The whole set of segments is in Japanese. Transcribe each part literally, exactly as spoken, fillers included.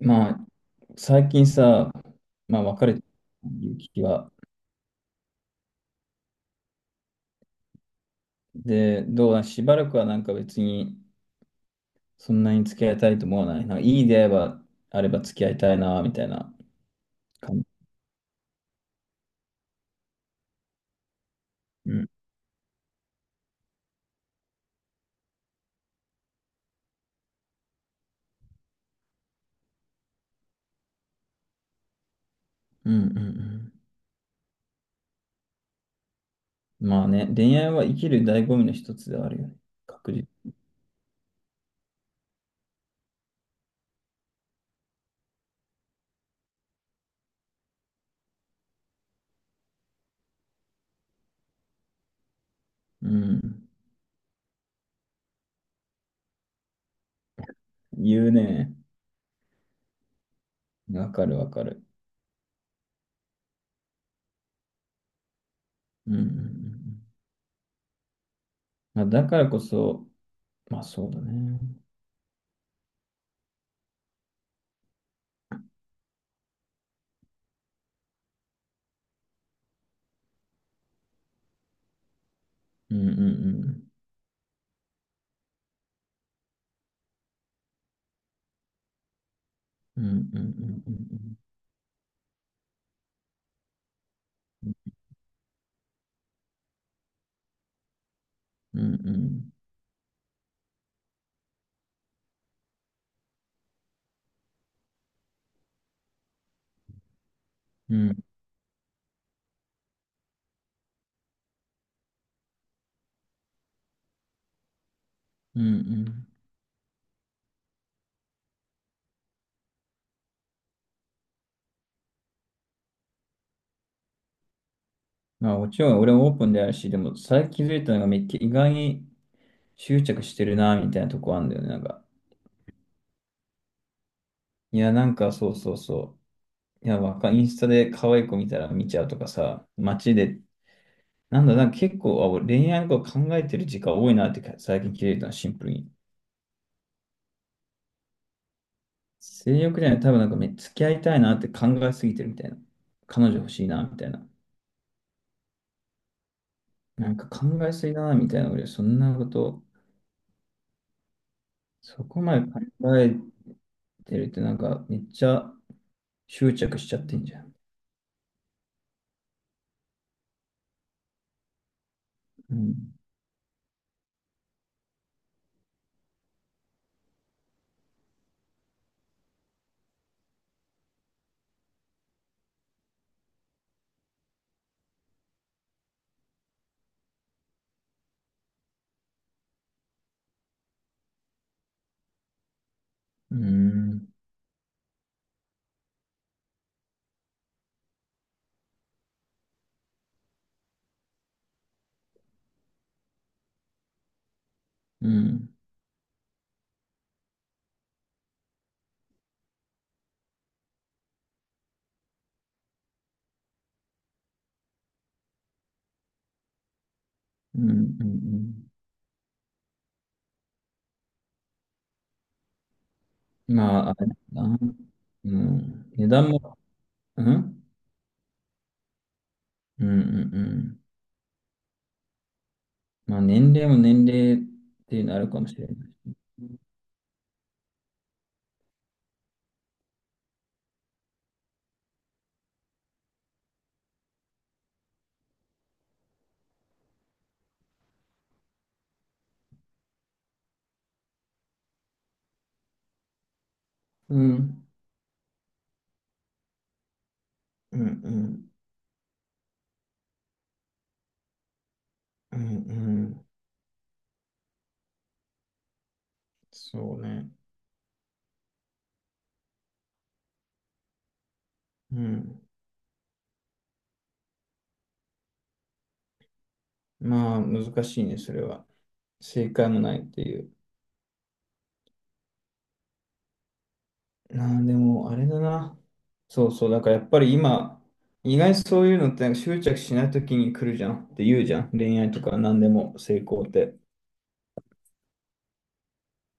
まあ、最近さ、まあ、別れてる気は。で、どうだ、しばらくはなんか別に、そんなに付き合いたいと思わない。なんかいい出会いがあれば付き合いたいな、みたいな感じ。うん。うんうんうん。まあね、恋愛は生きる醍醐味の一つではあるよね。確実。うん。言うね。わかるわかる。うんうんうんうん。まあ、だからこそ、まあそうだね。うんうんうん。うんうんうんうんうん。うんうん。うんうん。まあもちろん俺もオープンであるし、でも最近気づいたのがめっちゃ意外に執着してるなみたいなとこあるんだよね。なんか、いやなんかそうそうそう。いやわか、インスタで可愛い子見たら見ちゃうとかさ、街で、なんだ、なんか結構あ俺恋愛のこと考えてる時間多いなってか最近気づいたの、シンプルに。性欲じゃない、多分なんかめ、付き合いたいなって考えすぎてるみたいな。彼女欲しいなみたいな。なんか考えすぎだなみたいな。俺そんなこと、そこまで考えてるってなんかめっちゃ、執着しちゃってんじゃん。うん。うん。うん。うん。うんうん。まあ、あれだな。うん。値段も、うん。うん。うんうん。まあ、年齢も年齢っていうのあるかもしれない。うん。うん。うん。うん。うん。そうね。うん。まあ、難しいね、それは。正解もないっていう。なあ、でも、あれだな。そうそう、だからやっぱり今、意外にそういうのってなんか執着しないときに来るじゃんって言うじゃん。恋愛とか何でも成功って。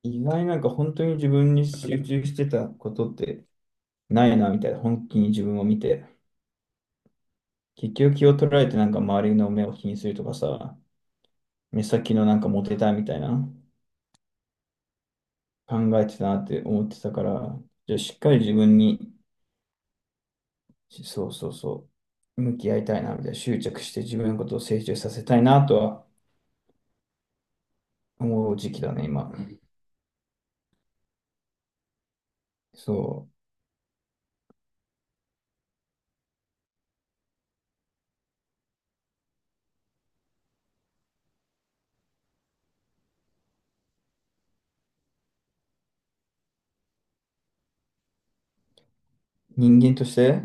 意外になんか本当に自分に集中してたことってないな、みたいな。本気に自分を見て。結局気を取られてなんか周りの目を気にするとかさ、目先のなんかモテたいみたいな考えてたなって思ってたから、じゃあしっかり自分に、そうそうそう、向き合いたいな、みたいな。執着して自分のことを成長させたいなとはもう時期だね、今。そう。人間として、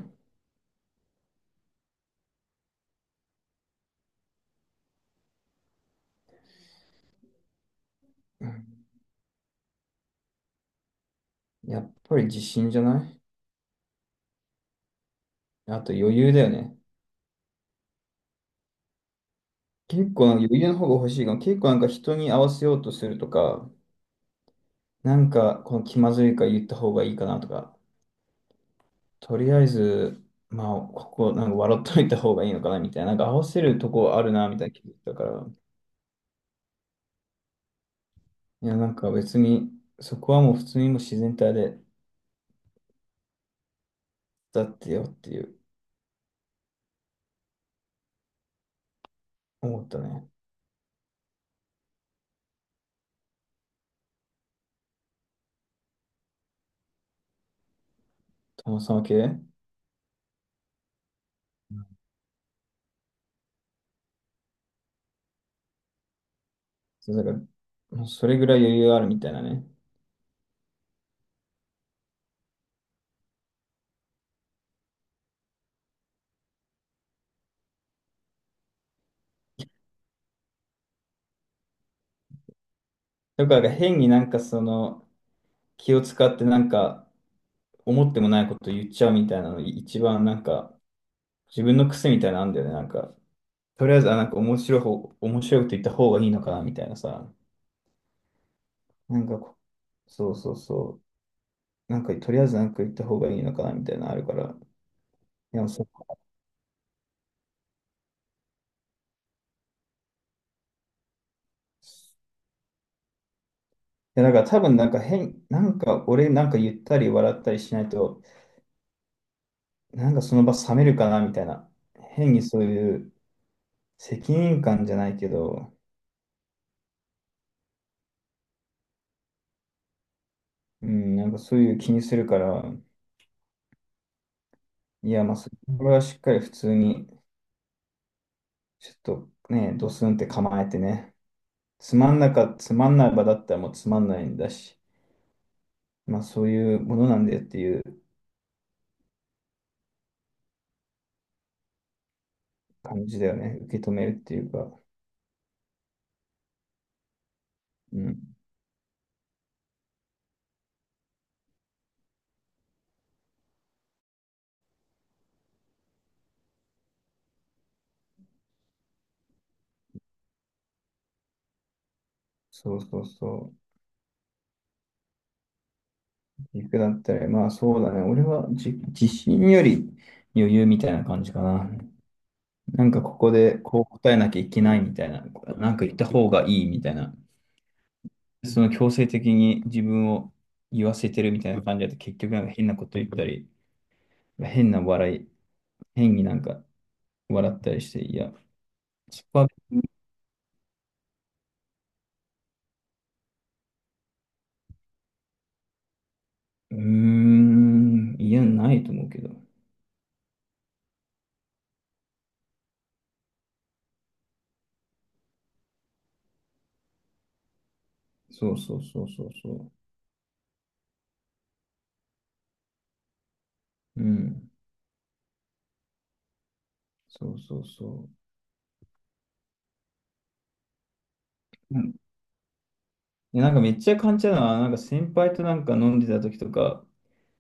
やっぱり自信じゃない？あと余裕だよね。結構なんか余裕の方が欲しいかも。結構なんか人に合わせようとするとか、なんかこの気まずいから言った方がいいかなとか、とりあえず、まあ、ここなんか笑っといた方がいいのかなみたいな、なんか合わせるとこあるなみたいな気づいたから、いや、なんか別に、そこはもう普通にもう自然体でだってよっていう思ったね。友さんは系そうだからそれぐらい余裕あるみたいなね。だからなんか変になんかその気を使ってなんか思ってもないこと言っちゃうみたいなの一番なんか自分の癖みたいなのあんだよね。なんか、とりあえずあなんか面白い方、面白いこと言った方がいいのかなみたいなさ。なんかこ、そうそうそう。なんかとりあえずなんか言った方がいいのかなみたいなのあるから。いや、そう。いや、だから多分なんか変、なんか俺なんか言ったり笑ったりしないと、なんかその場冷めるかなみたいな。変にそういう、責任感じゃないけど、うん、なんかそういう気にするから、いや、まあ、そこれはしっかり普通に、ちょっとね、ドスンって構えてね、つまんなか、つまんない場だったらもうつまんないんだし、まあそういうものなんだよっていう感じだよね、受け止めるっていうか、うん、そうそうそう、軸だったら、まあそうだね、俺はじ自信より余裕みたいな感じかな。なんかここでこう答えなきゃいけないみたいな、なんか言った方がいいみたいな。その強制的に自分を言わせてるみたいな感じだと結局なんか変なこと言ったり、変な笑い、変になんか笑ったりして、いや、そこは、うーん、いや、ないと思うけど。そうそうそうそうそう。うん、そうそうそう。うん。でなんかめっちゃ感じたのは、なんか先輩となんか飲んでた時とか、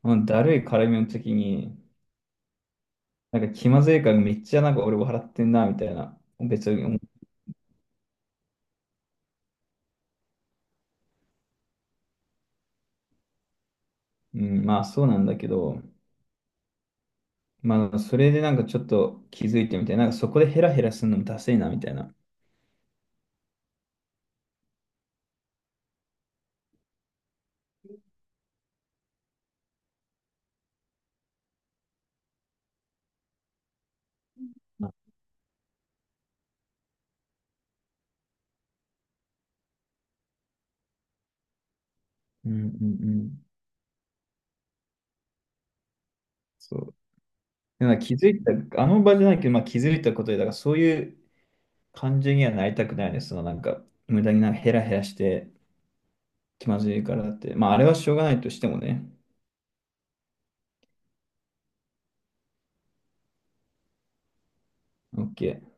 あのだるい絡みの時に、なんか気まずいからめっちゃなんか俺笑ってんな、みたいな。別に思う、うん、まあそうなんだけど、まあ、それでなんかちょっと気づいてみたいな、なんかそこでヘラヘラするのもダセいな、みたいな。まうんうんうん。そう。でなんか気づいた、あの場じゃないけど、まあ気づいたことで、だからそういう感じにはなりたくないです。そのなんか、無駄になんかヘラヘラして気まずいからって。まあ、あれはしょうがないとしてもね。オーケー。